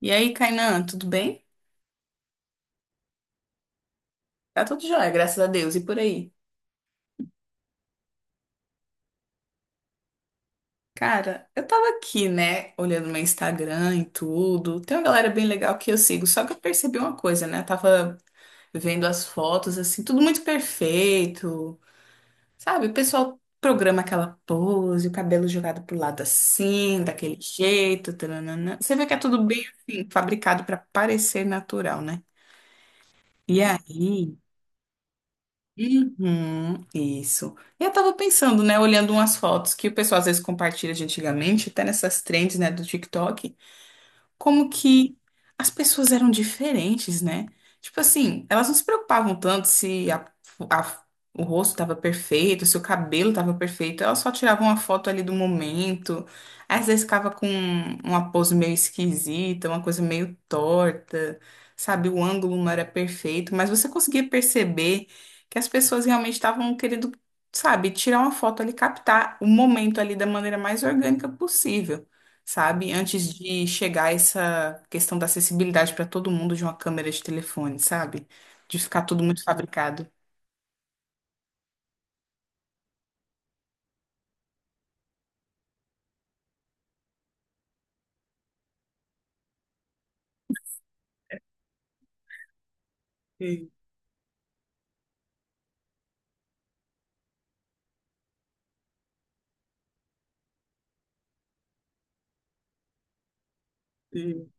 E aí, Kainan, tudo bem? Tá tudo jóia, graças a Deus. E por aí? Cara, eu tava aqui, né, olhando meu Instagram e tudo. Tem uma galera bem legal que eu sigo, só que eu percebi uma coisa, né? Eu tava vendo as fotos, assim, tudo muito perfeito, sabe? O pessoal programa aquela pose, o cabelo jogado pro lado assim, daquele jeito, tananana. Você vê que é tudo bem, assim, fabricado pra parecer natural, né? E aí. Uhum, isso. Eu tava pensando, né, olhando umas fotos que o pessoal às vezes compartilha de antigamente, até nessas trends, né, do TikTok, como que as pessoas eram diferentes, né? Tipo assim, elas não se preocupavam tanto se a- o rosto estava perfeito, se o cabelo estava perfeito, elas só tiravam uma foto ali do momento. Às vezes ficava com uma pose meio esquisita, uma coisa meio torta, sabe? O ângulo não era perfeito, mas você conseguia perceber que as pessoas realmente estavam querendo, sabe, tirar uma foto ali, captar o momento ali da maneira mais orgânica possível, sabe? Antes de chegar essa questão da acessibilidade para todo mundo de uma câmera de telefone, sabe? De ficar tudo muito fabricado. Sim, sim.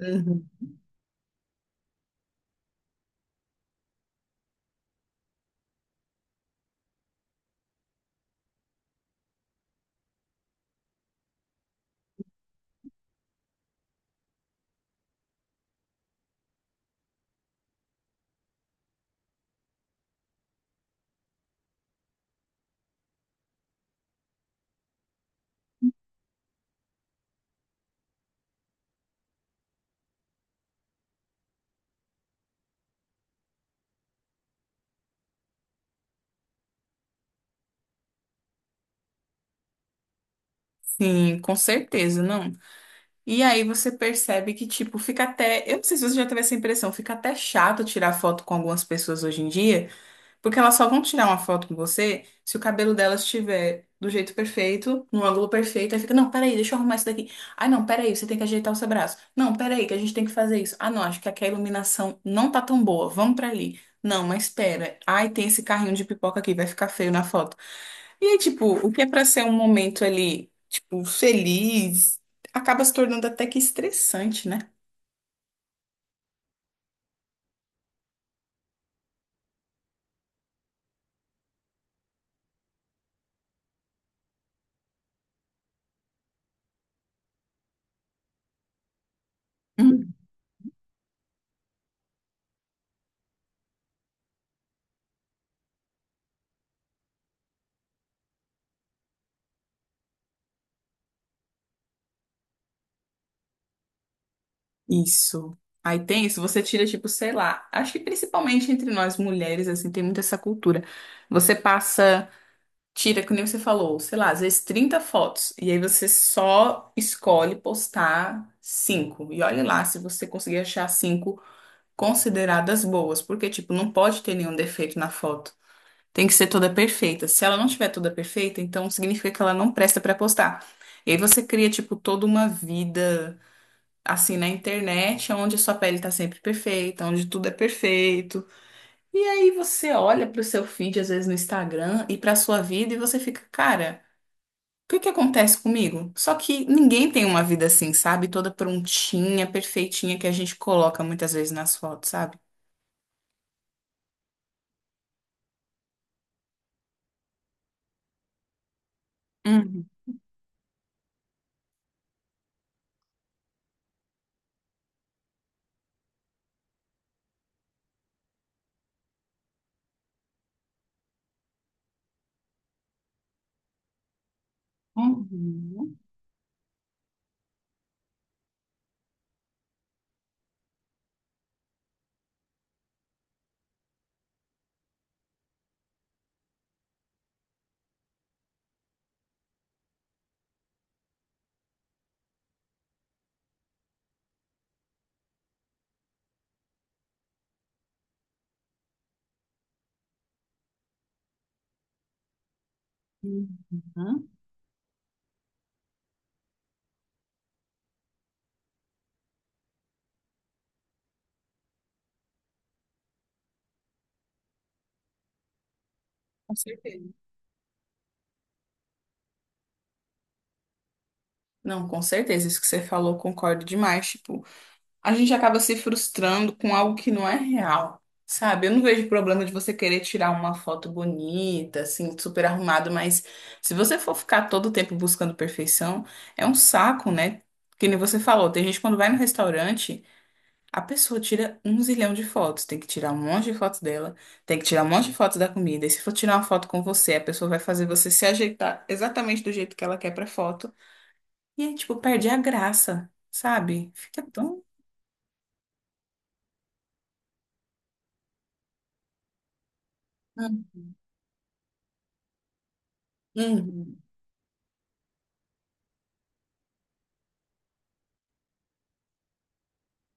Uhum. Sim, com certeza, não. E aí você percebe que, tipo, fica até. Eu não sei se você já teve essa impressão, fica até chato tirar foto com algumas pessoas hoje em dia, porque elas só vão tirar uma foto com você se o cabelo delas estiver do jeito perfeito, no ângulo perfeito. Aí fica, não, peraí, deixa eu arrumar isso daqui. Ai, não, peraí, você tem que ajeitar o seu braço. Não, peraí, que a gente tem que fazer isso. Ah, não, acho que aqui a iluminação não tá tão boa. Vamos pra ali. Não, mas espera. Ai, tem esse carrinho de pipoca aqui, vai ficar feio na foto. E aí, tipo, o que é pra ser um momento ali, tipo, feliz, acaba se tornando até que estressante, né? Isso. Aí tem isso, você tira, tipo, sei lá, acho que principalmente entre nós mulheres, assim, tem muito essa cultura. Você passa, tira, que nem você falou, sei lá, às vezes 30 fotos, e aí você só escolhe postar cinco. E olha lá se você conseguir achar cinco consideradas boas, porque, tipo, não pode ter nenhum defeito na foto. Tem que ser toda perfeita. Se ela não tiver toda perfeita, então significa que ela não presta pra postar. E aí você cria, tipo, toda uma vida assim na internet, onde sua pele tá sempre perfeita, onde tudo é perfeito. E aí você olha pro seu feed, às vezes no Instagram, e pra sua vida, e você fica, cara, o que que acontece comigo? Só que ninguém tem uma vida assim, sabe? Toda prontinha, perfeitinha, que a gente coloca muitas vezes nas fotos, sabe? Uhum. Uhum. Uhum. Com certeza. Não, com certeza, isso que você falou, concordo demais, tipo, a gente acaba se frustrando com algo que não é real, sabe? Eu não vejo problema de você querer tirar uma foto bonita, assim, super arrumado, mas se você for ficar todo o tempo buscando perfeição, é um saco, né? Que nem você falou, tem gente que quando vai no restaurante, a pessoa tira um zilhão de fotos, tem que tirar um monte de fotos dela, tem que tirar um monte de fotos da comida. E se for tirar uma foto com você, a pessoa vai fazer você se ajeitar exatamente do jeito que ela quer pra foto. E aí, tipo, perde a graça, sabe? Fica tão. Hum. Uhum.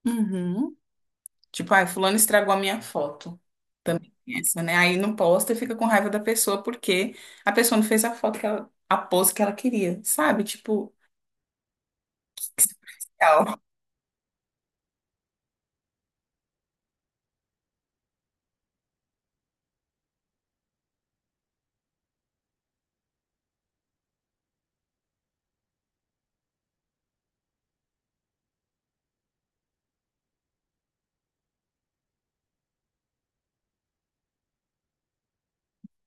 Uhum. Tipo, ai, fulano estragou a minha foto. Também tem essa, né? Aí não posta e fica com raiva da pessoa porque a pessoa não fez a foto que ela, a pose que ela queria, sabe? Tipo, tal.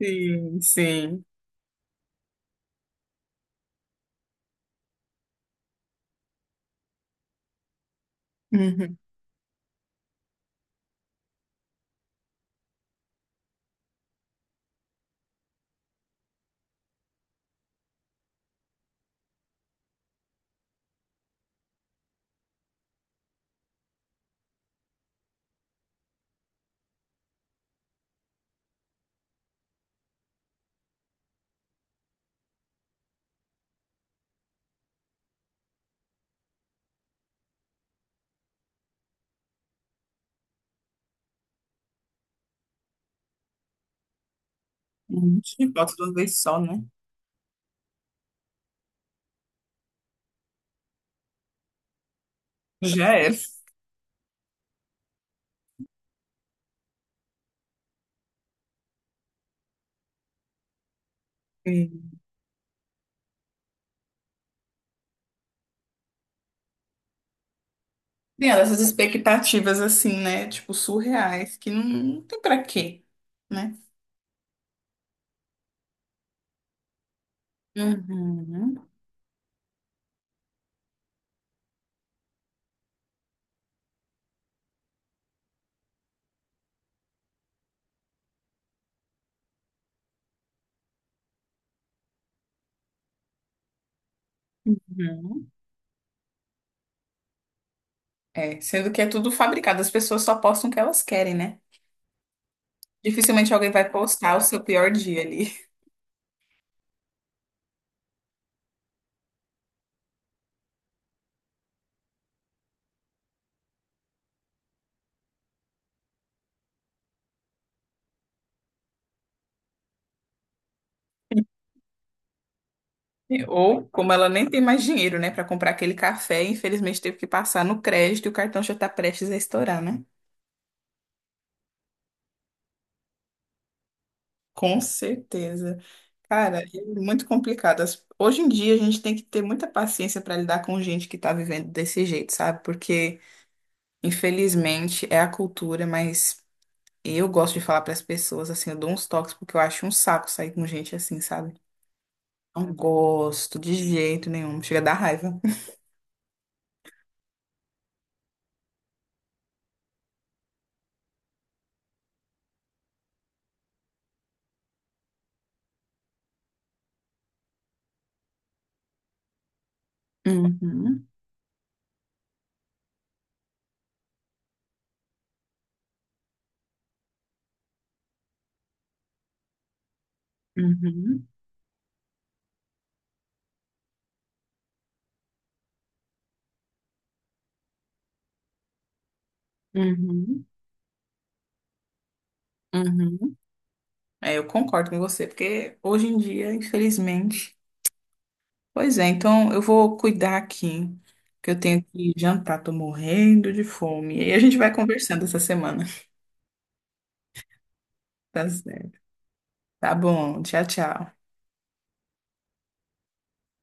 Sim, sim. Uhum. Uhum. E foto de uma vez só, né? Já era. Sim. Tem essas expectativas assim, né? Tipo, surreais, que não, não tem pra quê, né? Uhum. Uhum. É, sendo que é tudo fabricado, as pessoas só postam o que elas querem, né? Dificilmente alguém vai postar o seu pior dia ali. Ou, como ela nem tem mais dinheiro, né, para comprar aquele café, infelizmente teve que passar no crédito e o cartão já tá prestes a estourar, né? Com certeza. Cara, é muito complicado. As- Hoje em dia a gente tem que ter muita paciência para lidar com gente que tá vivendo desse jeito, sabe? Porque, infelizmente, é a cultura, mas eu gosto de falar para as pessoas assim, eu dou uns toques porque eu acho um saco sair com gente assim, sabe? Não gosto de jeito nenhum, chega a dar raiva. Uhum, uhum, uhum, uhum. É, eu concordo com você, porque hoje em dia, infelizmente. Pois é, então eu vou cuidar aqui, que eu tenho que jantar, tô morrendo de fome. E aí a gente vai conversando essa semana. Tá certo. Tá bom, tchau, tchau.